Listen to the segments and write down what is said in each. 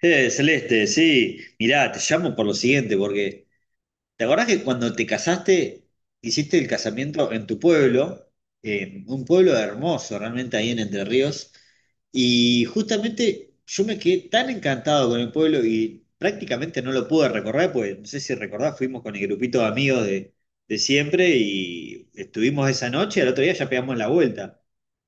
Celeste, sí, mirá, te llamo por lo siguiente, porque ¿te acordás que cuando te casaste, hiciste el casamiento en tu pueblo, en un pueblo hermoso realmente ahí en Entre Ríos, y justamente yo me quedé tan encantado con el pueblo y prácticamente no lo pude recorrer, pues no sé si recordás, fuimos con el grupito de amigos de siempre y estuvimos esa noche, al otro día ya pegamos la vuelta.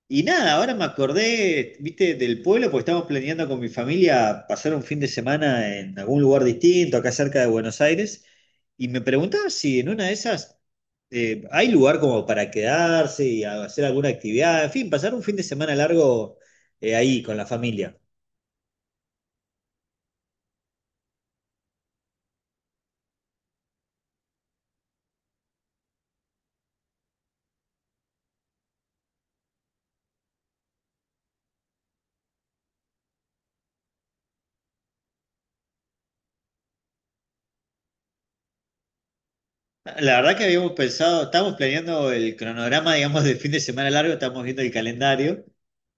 Y nada, ahora me acordé, viste, del pueblo, porque estamos planeando con mi familia pasar un fin de semana en algún lugar distinto, acá cerca de Buenos Aires, y me preguntaba si en una de esas hay lugar como para quedarse y hacer alguna actividad, en fin, pasar un fin de semana largo ahí con la familia. La verdad que habíamos pensado, estábamos planeando el cronograma, digamos, del fin de semana largo, estábamos viendo el calendario.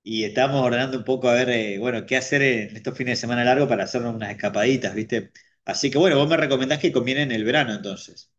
Y estábamos ordenando un poco a ver, bueno, qué hacer en estos fines de semana largos para hacernos unas escapaditas, ¿viste? Así que bueno, vos me recomendás que conviene en el verano entonces.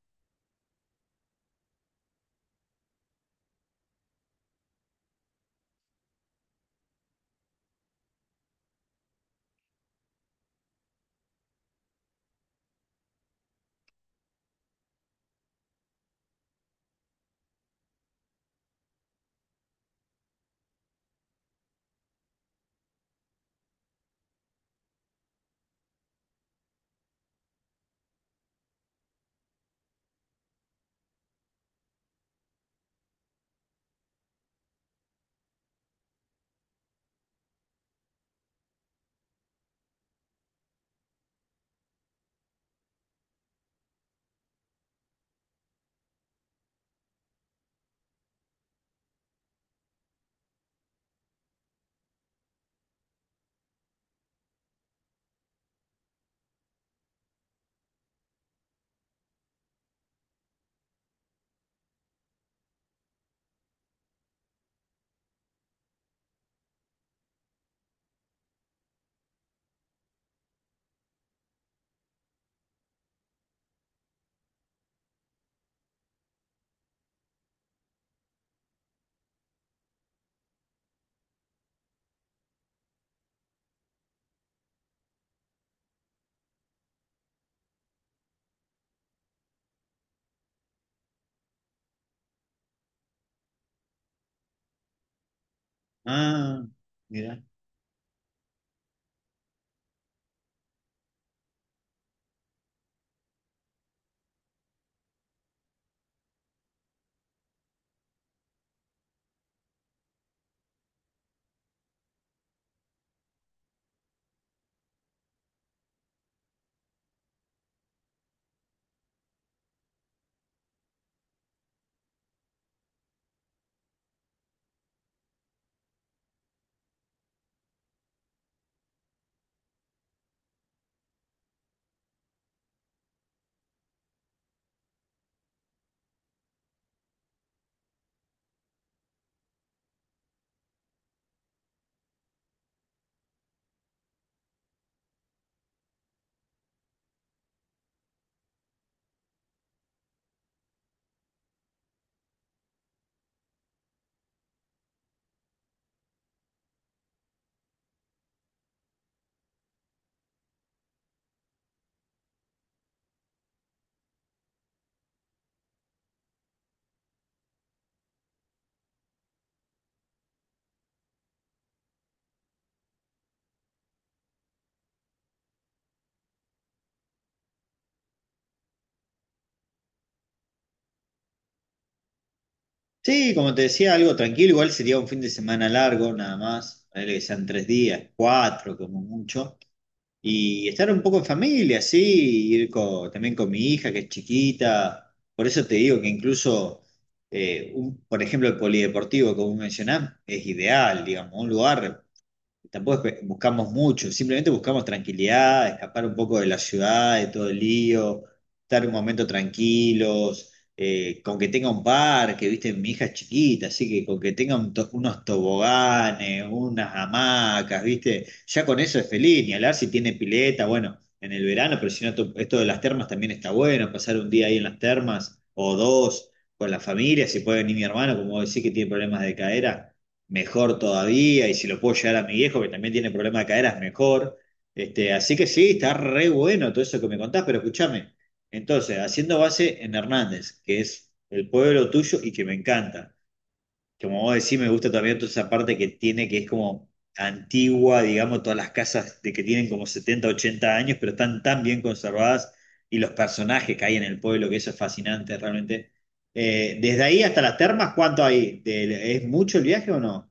Ah, mira. Sí, como te decía, algo tranquilo, igual sería un fin de semana largo nada más, ponele que sean 3 días, 4 como mucho. Y estar un poco en familia, sí, ir también con mi hija que es chiquita. Por eso te digo que incluso, por ejemplo, el polideportivo, como mencionás, es ideal, digamos, un lugar tampoco es que buscamos mucho, simplemente buscamos tranquilidad, escapar un poco de la ciudad, de todo el lío, estar un momento tranquilos, con que tenga un parque, viste, mi hija es chiquita, así que con que tenga unos toboganes, unas hamacas, viste, ya con eso es feliz, ni hablar si tiene pileta, bueno, en el verano, pero si no, esto de las termas también está bueno, pasar un día ahí en las termas o dos con la familia, si puede venir mi hermano, como vos decís que tiene problemas de cadera mejor todavía, y si lo puedo llevar a mi viejo, que también tiene problema de caderas, mejor. Este, así que sí, está re bueno todo eso que me contás, pero escúchame. Entonces, haciendo base en Hernández, que es el pueblo tuyo y que me encanta. Como vos decís, me gusta también toda esa parte que tiene, que es como antigua, digamos, todas las casas de que tienen como 70 u 80 años, pero están tan bien conservadas y los personajes que hay en el pueblo, que eso es fascinante realmente. Desde ahí hasta las termas, ¿cuánto hay? ¿De- ¿Es mucho el viaje o no?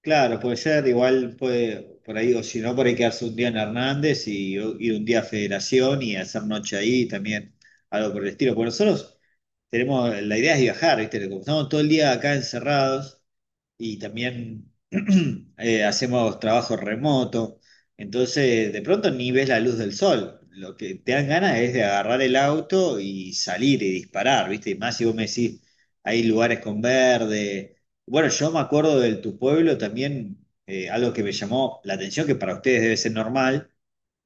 Claro, puede ser, igual puede, por ahí, o si no, por ahí quedarse un día en Hernández y ir un día a Federación y hacer noche ahí también, algo por el estilo. Porque nosotros tenemos, la idea es viajar, ¿viste? Como estamos todo el día acá encerrados y también hacemos trabajo remoto. Entonces, de pronto ni ves la luz del sol. Lo que te dan ganas es de agarrar el auto y salir y disparar, ¿viste? Y más si vos me decís, hay lugares con verde. Bueno, yo me acuerdo del tu pueblo también, algo que me llamó la atención, que para ustedes debe ser normal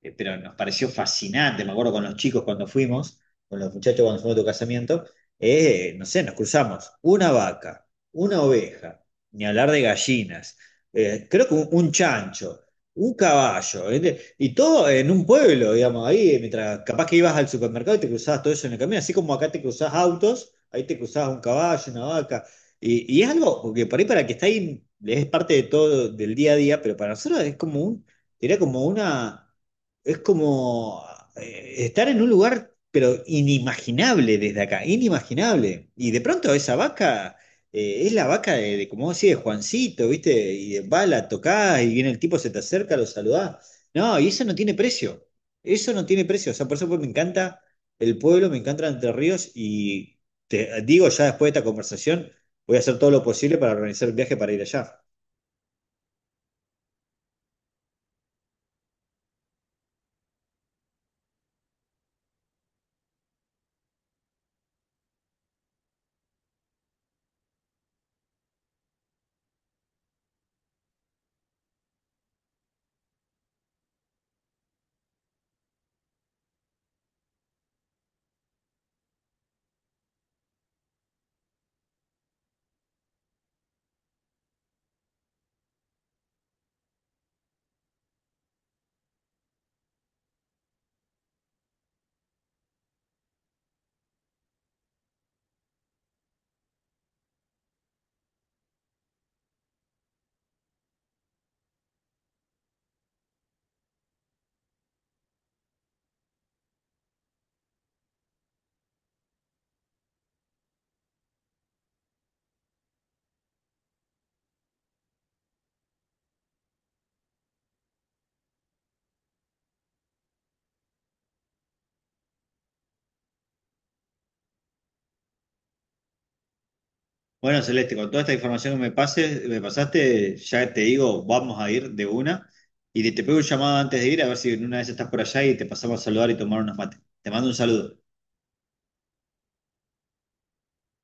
pero nos pareció fascinante, me acuerdo con los chicos cuando fuimos, con los muchachos cuando fuimos a tu casamiento, no sé, nos cruzamos una vaca, una oveja, ni hablar de gallinas, creo que un chancho, un caballo, ¿viste? Y todo en un pueblo, digamos, ahí, mientras capaz que ibas al supermercado y te cruzabas todo eso en el camino, así como acá te cruzás autos, ahí te cruzabas un caballo, una vaca, y es algo que por ahí para el que está ahí es parte de todo, del día a día, pero para nosotros es como un, era como una, es como, estar en un lugar, pero inimaginable desde acá, inimaginable. Y de pronto esa vaca es la vaca como vos de Juancito, ¿viste? Y va, la tocás y viene el tipo, se te acerca, lo saludás. No, y eso no tiene precio. Eso no tiene precio. O sea, por eso pues, me encanta el pueblo, me encanta Entre Ríos y te digo ya después de esta conversación, voy a hacer todo lo posible para organizar el viaje para ir allá. Bueno, Celeste, con toda esta información que me pases, me pasaste, ya te digo, vamos a ir de una. Y te pego un llamado antes de ir, a ver si en una vez estás por allá y te pasamos a saludar y tomar unos mates. Te mando un saludo.